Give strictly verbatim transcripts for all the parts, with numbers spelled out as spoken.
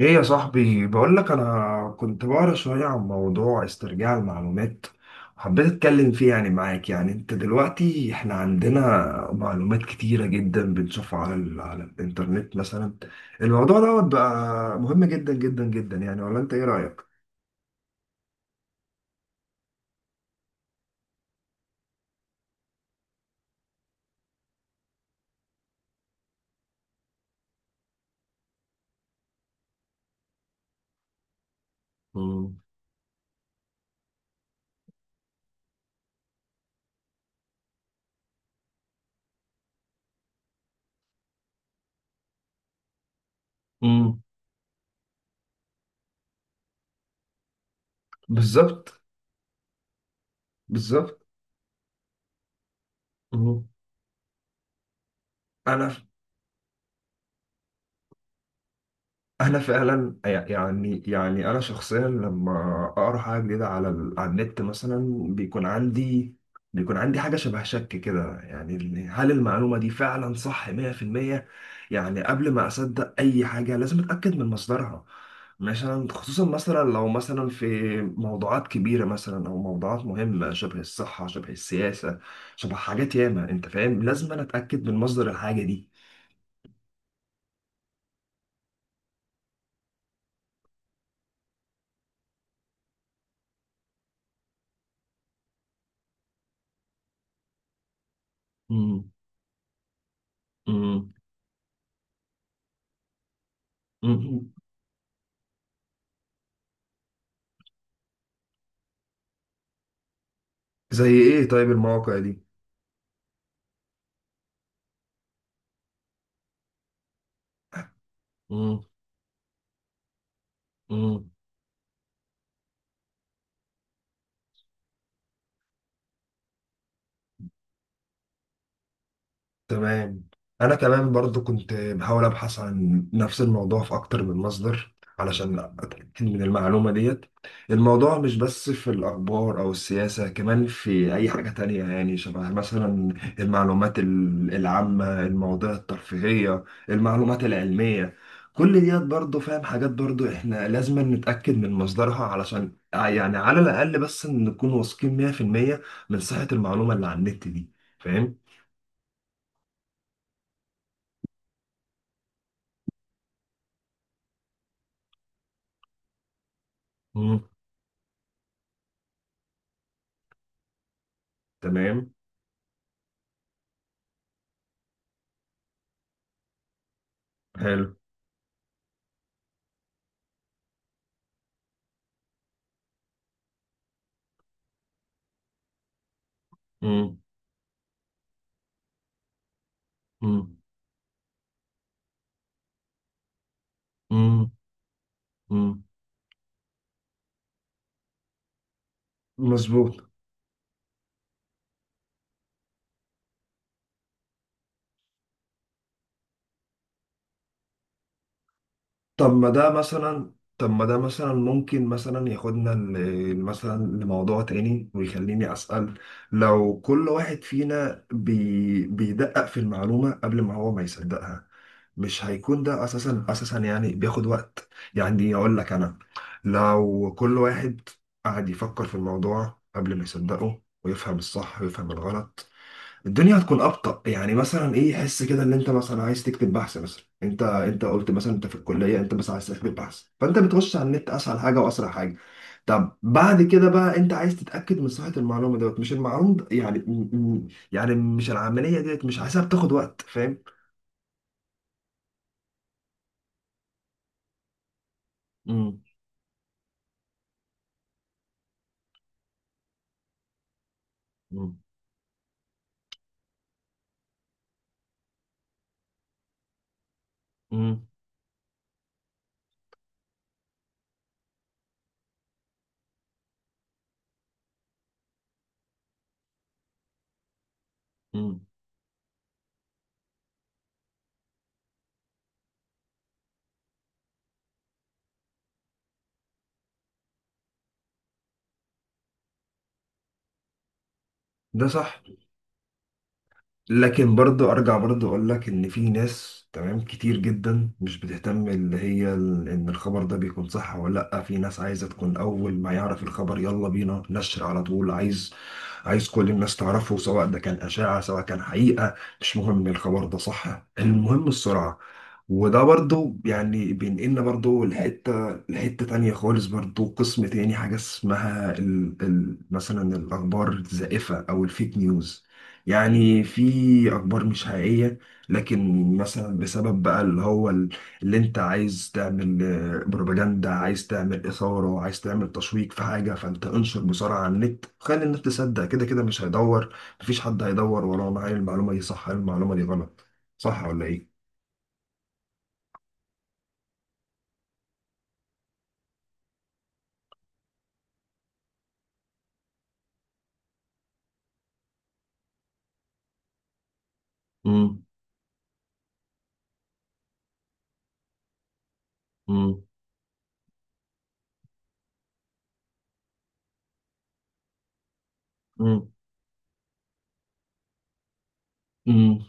ايه يا صاحبي، بقول لك انا كنت بقرا شويه عن موضوع استرجاع المعلومات، وحبيت اتكلم فيه يعني معاك. يعني انت دلوقتي احنا عندنا معلومات كتيره جدا بنشوفها على ال... على الانترنت مثلا. الموضوع دوت بقى مهم جدا جدا جدا يعني، ولا انت ايه رايك؟ مم. مم. بالظبط. بالظبط. مم. انا انا فعلا يعني يعني انا شخصيا لما اقرا حاجه جديده على ال- على النت مثلا، بيكون عندي بيكون عندي حاجه شبه شك كده، يعني ال- هل المعلومه دي فعلا صح مية في المية؟ يعني قبل ما اصدق اي حاجه لازم اتاكد من مصدرها. مثلا خصوصا مثلا لو مثلا في موضوعات كبيره مثلا او موضوعات مهمه، شبه الصحه شبه السياسه شبه حاجات ياما، انت فاهم، لازم انا اتاكد من مصدر الحاجه دي. مم. مم. زي ايه طيب المواقع دي؟ امم. امم. تمام. انا كمان برضو كنت بحاول ابحث عن نفس الموضوع في اكتر من مصدر علشان اتاكد من المعلومه ديت. الموضوع مش بس في الاخبار او السياسه، كمان في اي حاجه تانية، يعني شبه مثلا المعلومات ال- العامه، المواضيع الترفيهيه، المعلومات العلميه، كل ديت برضو فاهم، حاجات برضو احنا لازم نتاكد من مصدرها، علشان يعني على الاقل بس نكون واثقين مية في المية من صحه المعلومه اللي على النت دي، فاهم. تمام. حلو. مم. مم. مم. مم. مظبوط. طب ما ده مثلا طب ما ده مثلا ممكن مثلا ياخدنا ل- مثلا لموضوع تاني ويخليني أسأل، لو كل واحد فينا بي بيدقق في المعلومة قبل ما هو ما يصدقها، مش هيكون ده أساسا أساسا يعني بياخد وقت؟ يعني أقول لك أنا، لو كل واحد قعد يفكر في الموضوع قبل ما يصدقه ويفهم الصح ويفهم الغلط، الدنيا هتكون ابطأ. يعني مثلا ايه، حس كده ان انت مثلا عايز تكتب بحث مثلا، انت انت قلت مثلا انت في الكليه، انت بس عايز تكتب بحث، فانت بتخش على النت اسهل حاجه واسرع حاجه. طب بعد كده بقى انت عايز تتاكد من صحه المعلومه دوت، مش المعلومه د- يعني م- م- يعني مش العمليه ديت مش عايزها بتاخد وقت، فاهم. امم. امم. امم. ده صح. لكن برضو ارجع برضو اقول لك ان في ناس، تمام، كتير جدا مش بتهتم اللي هي ال- ان الخبر ده بيكون صح ولا لا. في ناس عايزه تكون اول ما يعرف الخبر يلا بينا نشر على طول، عايز عايز كل الناس تعرفه، سواء ده كان اشاعه سواء كان حقيقه. مش مهم الخبر ده صح، المهم السرعه. وده برضو يعني بينقلنا برضو لحتة لحتة تانية خالص، برضو قسم تاني حاجة اسمها ال ال مثلا الأخبار الزائفة أو الفيك نيوز. يعني في اخبار مش حقيقيه، لكن مثلا بسبب بقى اللي هو ال- اللي انت عايز تعمل آه، بروباجندا، عايز تعمل اثاره، عايز تعمل تشويق في حاجه، فانت انشر بسرعه على النت خلي الناس تصدق، كده كده مش هيدور، مفيش حد هيدور ورانا هل المعلومه دي صح هل المعلومه دي غلط، صح ولا ايه؟ امم. امم.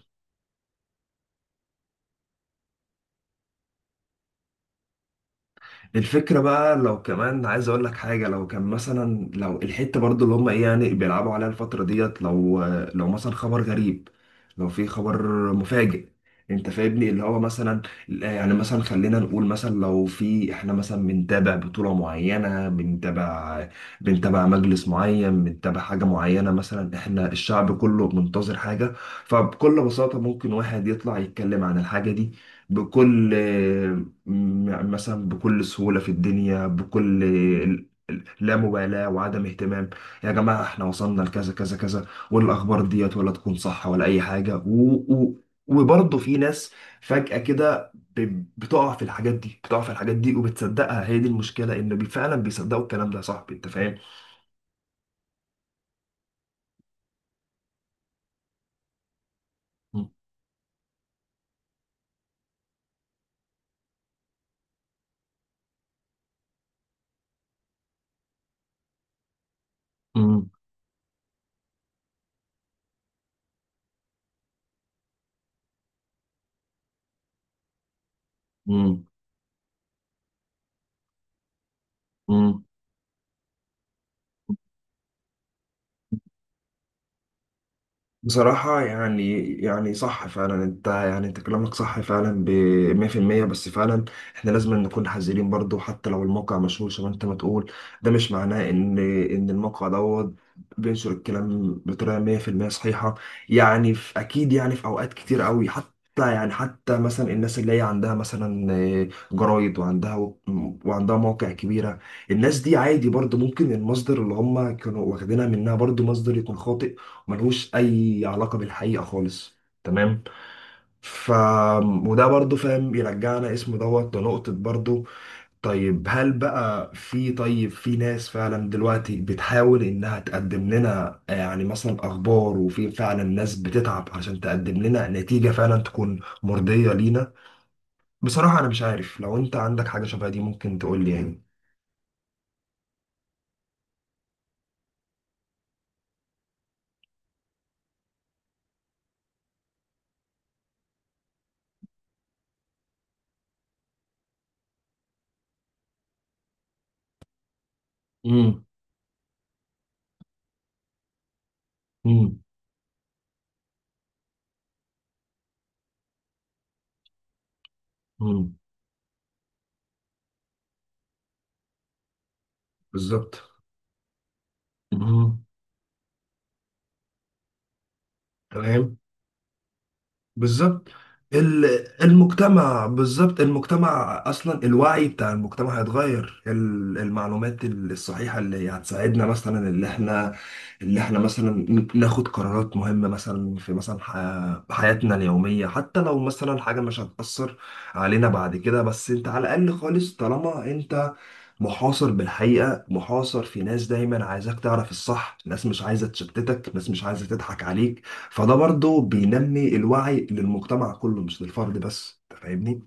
الفكرة بقى، لو كمان عايز اقول لك حاجة، لو كان مثلا لو الحتة برضو اللي هم ايه يعني بيلعبوا عليها الفترة ديت، لو لو مثلا خبر غريب، لو في خبر مفاجئ، انت فاهمني، اللي هو مثلا يعني مثلا خلينا نقول مثلا لو في، احنا مثلا بنتابع بطولة معينة، بنتابع بنتابع مجلس معين، بنتابع حاجة معينة، مثلا احنا الشعب كله منتظر حاجة، فبكل بساطة ممكن واحد يطلع يتكلم عن الحاجة دي بكل م- يعني مثلا بكل سهولة في الدنيا، بكل ال- ال- لا مبالاة وعدم اهتمام. يا جماعة احنا وصلنا لكذا كذا كذا والأخبار ديت ولا تكون صح ولا أي حاجة و و وبرضه في ناس فجأة كده ب- بتقع في الحاجات دي، بتقع في الحاجات دي وبتصدقها. هي دي المشكلة إن بي- فعلا بيصدقوا الكلام ده، يا صاحبي أنت فاهم؟ مم. مم. مم. بصراحة يعني يعني صح فعلا، انت يعني انت كلامك صح فعلا، ب مية في المية. بس فعلا احنا لازم نكون حذرين برضو، حتى لو الموقع مشهور زي ما انت ما تقول، ده مش معناه ان ان الموقع دوت بينشر الكلام بطريقة مية في المية صحيحة. يعني في اكيد، يعني في اوقات كتير قوي، حتى يعني حتى مثلا الناس اللي هي عندها مثلا آه، جرايد، وعندها وعندها مواقع كبيرة، الناس دي عادي برضو ممكن المصدر اللي هم كانوا واخدينها منها برضو مصدر يكون خاطئ، ملهوش اي علاقه بالحقيقه خالص. تمام. ف وده برضو فاهم يرجعنا اسمه دوت لنقطه برضو. طيب هل بقى في طيب في ناس فعلا دلوقتي بتحاول انها تقدم لنا آه، يعني مثلا اخبار، وفي فعلا ناس بتتعب عشان تقدم لنا نتيجه فعلا تكون مرضيه لينا. بصراحه انا مش عارف، لو انت عندك حاجه شبه دي ممكن تقول لي يعني. امم. امم. امم. بالظبط. امم. تمام. بالظبط. ال- المجتمع بالظبط، المجتمع اصلا الوعي بتاع المجتمع هيتغير، ال- المعلومات الصحيحه اللي هتساعدنا مثلا، اللي احنا اللي احنا مثلا ناخد قرارات مهمه مثلا في مثلا ح- حياتنا اليوميه، حتى لو مثلا حاجه مش هتاثر علينا بعد كده، بس انت على الاقل خالص طالما انت محاصر بالحقيقة، محاصر في ناس دايما عايزاك تعرف الصح، ناس مش عايزة تشتتك، ناس مش عايزة تضحك عليك، فده برضو بينمي الوعي للمجتمع كله مش للفرد بس. أنت فاهمني؟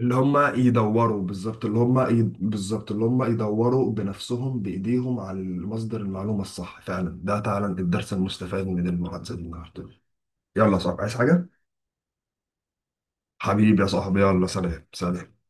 اللي هم يدوروا بالظبط، اللي هم ي... بالظبط اللي هم يدوروا بنفسهم بإيديهم على مصدر المعلومة الصح، فعلا ده فعلا الدرس المستفاد من المحادثة دي النهاردة. يلا يا صاحبي عايز حاجة؟ حبيبي يا صاحبي، يلا سلام سلام.